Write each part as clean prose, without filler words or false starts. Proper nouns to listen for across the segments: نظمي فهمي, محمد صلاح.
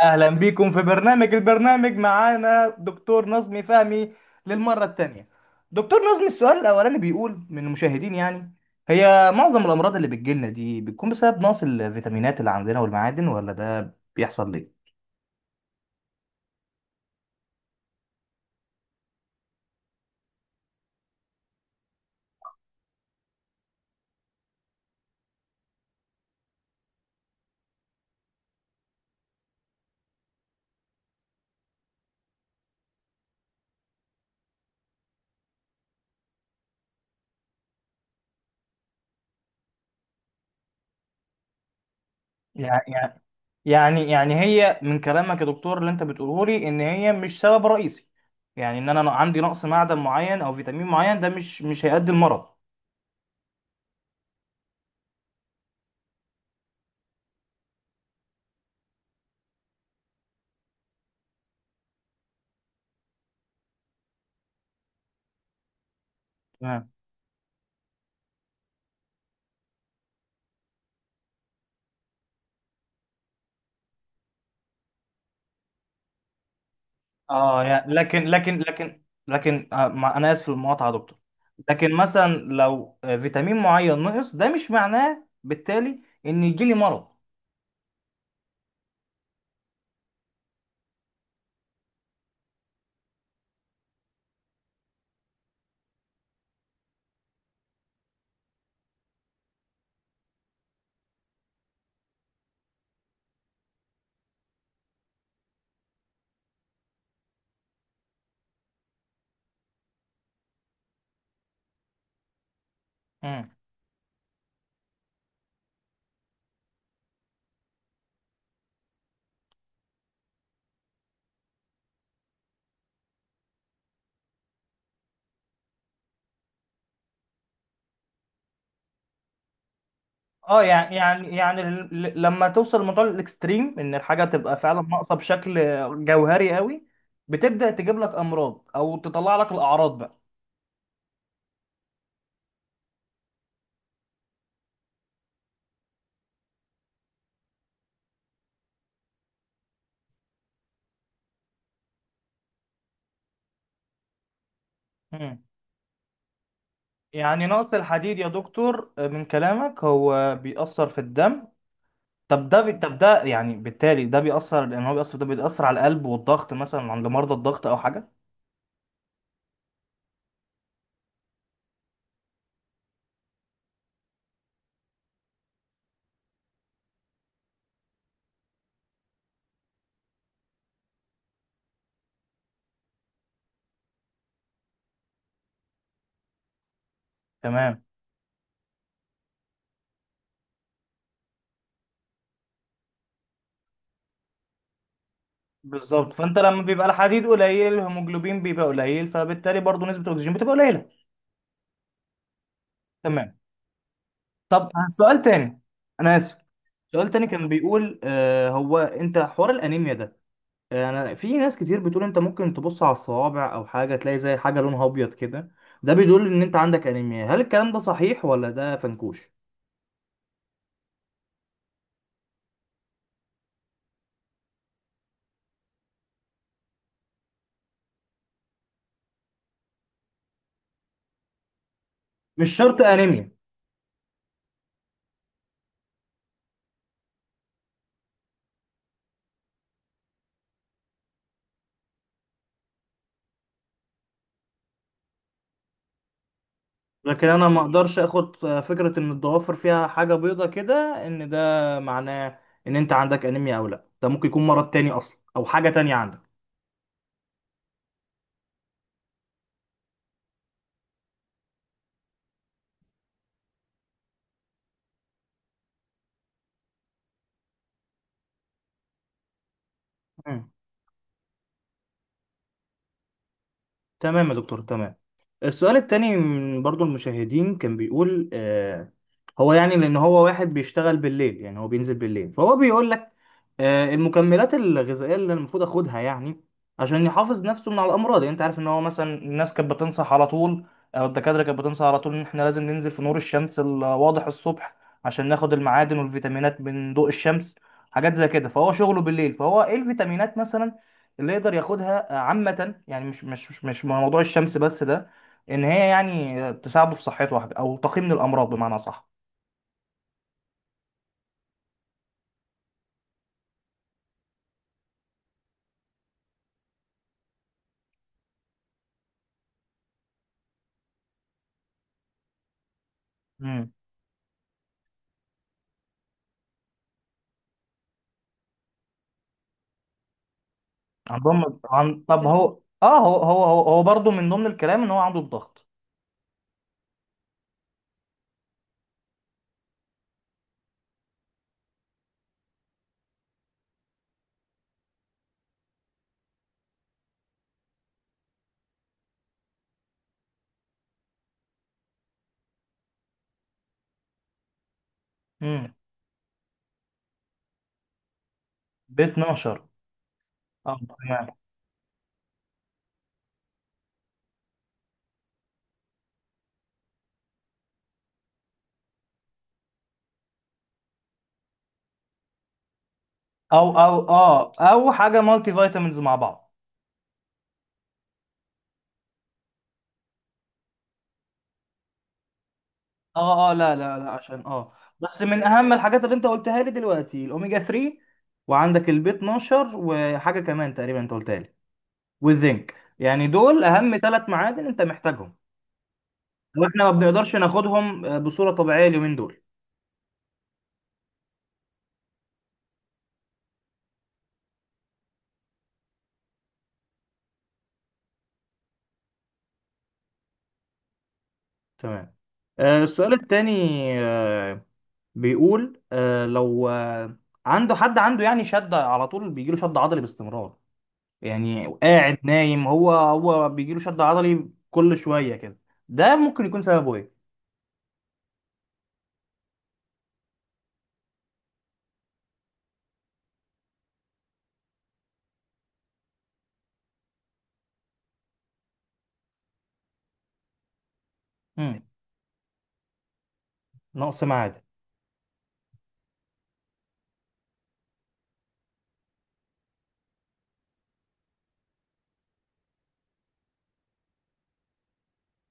اهلا بيكم في البرنامج معانا دكتور نظمي فهمي للمره الثانيه. دكتور نظمي، السؤال الاولاني بيقول من المشاهدين، يعني هي معظم الامراض اللي بتجيلنا دي بتكون بسبب نقص الفيتامينات اللي عندنا والمعادن، ولا ده بيحصل ليه؟ يعني يعني يعني هي من كلامك يا دكتور اللي انت بتقوله لي ان هي مش سبب رئيسي. يعني ان انا عندي نقص معدن معين او فيتامين معين، ده مش هيؤدي المرض. اه، يعني لكن انا اسف في المقاطعه يا دكتور. لكن مثلا لو فيتامين معين نقص، ده مش معناه بالتالي ان يجي لي مرض. مم. اه، لما توصل لموضوع الاكستريم ان الحاجه تبقى فعلا ناقصه بشكل جوهري قوي، بتبدا تجيب لك امراض او تطلع لك الاعراض بقى. مم. يعني نقص الحديد يا دكتور، من كلامك هو بيأثر في الدم. طب، ده يعني بالتالي ده بيأثر، لأن هو بيأثر، ده بيأثر على القلب والضغط، مثلا عند مرضى الضغط أو حاجة. تمام. بالظبط، فأنت لما بيبقى الحديد قليل، الهيموجلوبين بيبقى قليل، فبالتالي برضه نسبة الأكسجين بتبقى قليلة. تمام. طب، سؤال تاني، أنا آسف، سؤال تاني كان بيقول، هو، أنت حوار الأنيميا ده، أنا، في ناس كتير بتقول أنت ممكن تبص على الصوابع أو حاجة، تلاقي زي حاجة لونها أبيض كده، ده بيدل إن أنت عندك أنيميا، هل الكلام ده صحيح ولا ده فنكوش؟ مش شرط أنيميا. لكن انا ما اقدرش اخد فكره ان الضوافر فيها حاجه بيضه كده، ان ده معناه ان انت عندك انيميا او لا، ده ممكن يكون مرض تاني اصلا او حاجه تانية عندك. مم. تمام يا دكتور، تمام. السؤال التاني من برضو المشاهدين كان بيقول، هو، يعني لأن هو واحد بيشتغل بالليل، يعني هو بينزل بالليل، فهو بيقول لك المكملات الغذائية اللي المفروض أخدها، يعني عشان يحافظ نفسه من على الأمراض، يعني أنت عارف إن هو مثلا الناس كانت بتنصح على طول، أو الدكاترة كانت بتنصح على طول إن إحنا لازم ننزل في نور الشمس الواضح الصبح، عشان ناخد المعادن والفيتامينات من ضوء الشمس، حاجات زي كده، فهو شغله بالليل، فهو إيه الفيتامينات مثلا اللي يقدر ياخدها عامة، يعني مش موضوع الشمس بس، ده ان هي يعني تساعده في صحته واحدة، او تقي من الامراض بمعنى صح. امم طب، هو اه هو هو هو, هو برضه من ضمن الكلام ان هو عنده الضغط. امم ب 12. اه، تمام. او حاجة مالتي فيتامينز مع بعض. اه، اه، لا، لا، لا، عشان اه. بس من اهم الحاجات اللي انت قلتها لي دلوقتي الاوميجا 3، وعندك البي 12، وحاجة كمان تقريبا انت قلتها لي، والزنك، يعني دول اهم 3 معادن انت محتاجهم. واحنا ما بنقدرش ناخدهم بصورة طبيعية اليومين دول. تمام. السؤال الثاني بيقول، لو عنده حد، عنده يعني شد على طول، بيجيله شد عضلي باستمرار، يعني قاعد نايم، هو بيجيله شد عضلي كل شوية كده، ده ممكن يكون سببه ايه؟ مم. نقص معادن.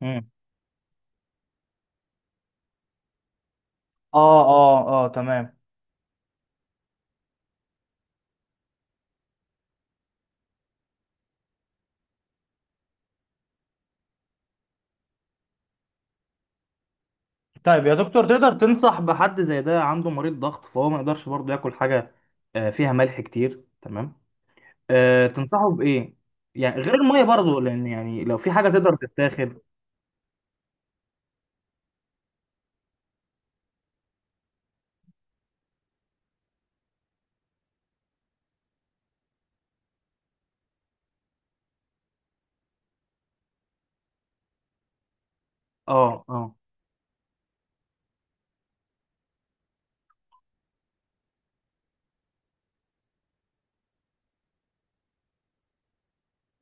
مم. اه، اه، اه، تمام. طيب يا دكتور، تقدر تنصح بحد زي ده عنده مريض ضغط، فهو ما يقدرش برضه ياكل حاجة فيها ملح كتير، تمام. تنصحه بإيه، يعني غير المية؟ برضه لأن يعني لو في حاجة تقدر تتاخد. اه، اه،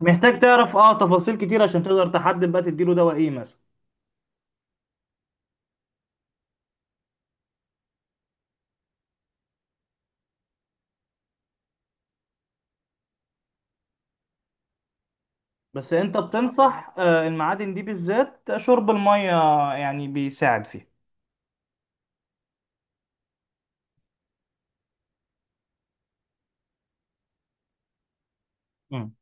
محتاج تعرف تفاصيل كتير عشان تقدر تحدد بقى تديله دواء ايه مثلا. بس انت بتنصح المعادن دي بالذات، شرب المية يعني بيساعد فيها. مم.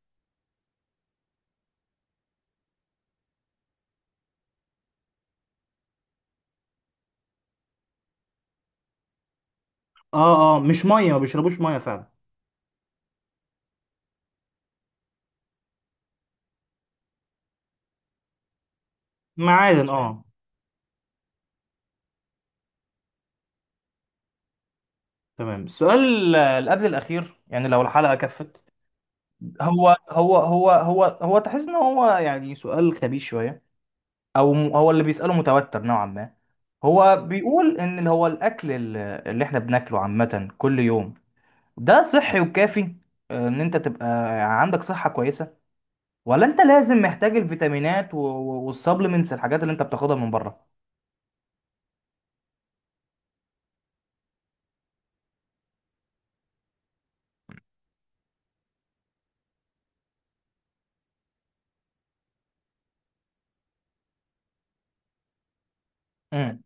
اه، اه، مش مية، ما بيشربوش مية فعلا. معادن، اه. تمام. السؤال اللي قبل الأخير، يعني لو الحلقة كفت، هو تحس ان هو يعني سؤال خبيث شويه، او هو اللي بيساله متوتر نوعا ما. هو بيقول ان اللي هو الاكل ال- اللي احنا بناكله عامه كل يوم، ده صحي وكافي، ان انت تبقى عندك صحه كويسه، ولا انت لازم محتاج الفيتامينات والسبلمنتس، الحاجات اللي انت بتاخدها من بره؟ امم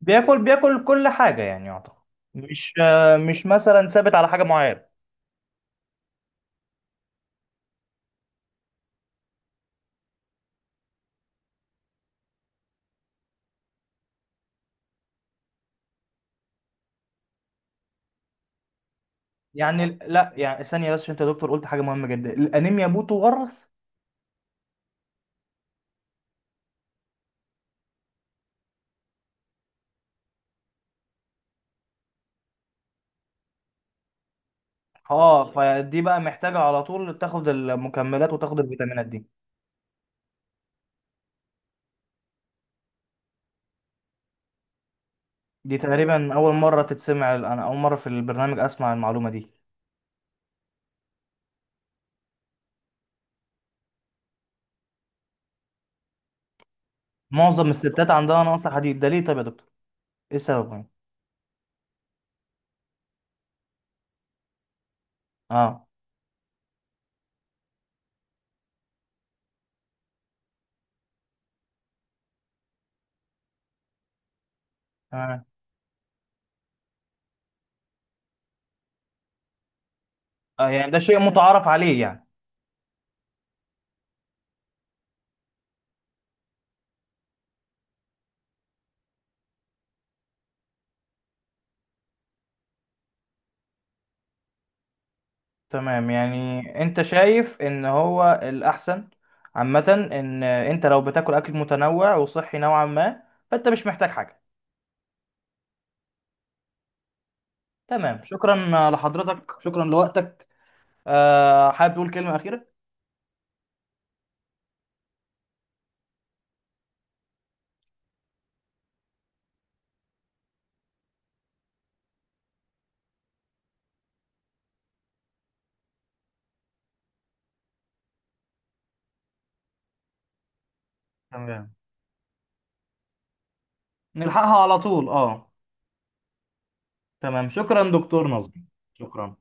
بياكل كل حاجه، يعني يعتبر. مش مش مثلا ثابت على حاجه معينه. يعني لا، يعني ثانيه بس، عشان انت يا دكتور قلت حاجه مهمه جدا، الانيميا بتورث. اه، فدي بقى محتاجة على طول تاخد المكملات وتاخد الفيتامينات دي. دي تقريبا أول مرة تتسمع، أنا أول مرة في البرنامج أسمع المعلومة دي. معظم الستات عندها نقص حديد، ده ليه طيب يا دكتور؟ إيه السبب يعني؟ اه، تمام. آه، يعني ده شيء متعارف عليه يعني. تمام، يعني أنت شايف إن هو الأحسن عامة، إن أنت لو بتاكل أكل متنوع وصحي نوعا ما، فأنت مش محتاج حاجة. تمام، شكرا لحضرتك، شكرا لوقتك. آه، حابب تقول كلمة أخيرة؟ تمام. نلحقها على طول، اه. تمام، شكرا دكتور نظم، شكرا.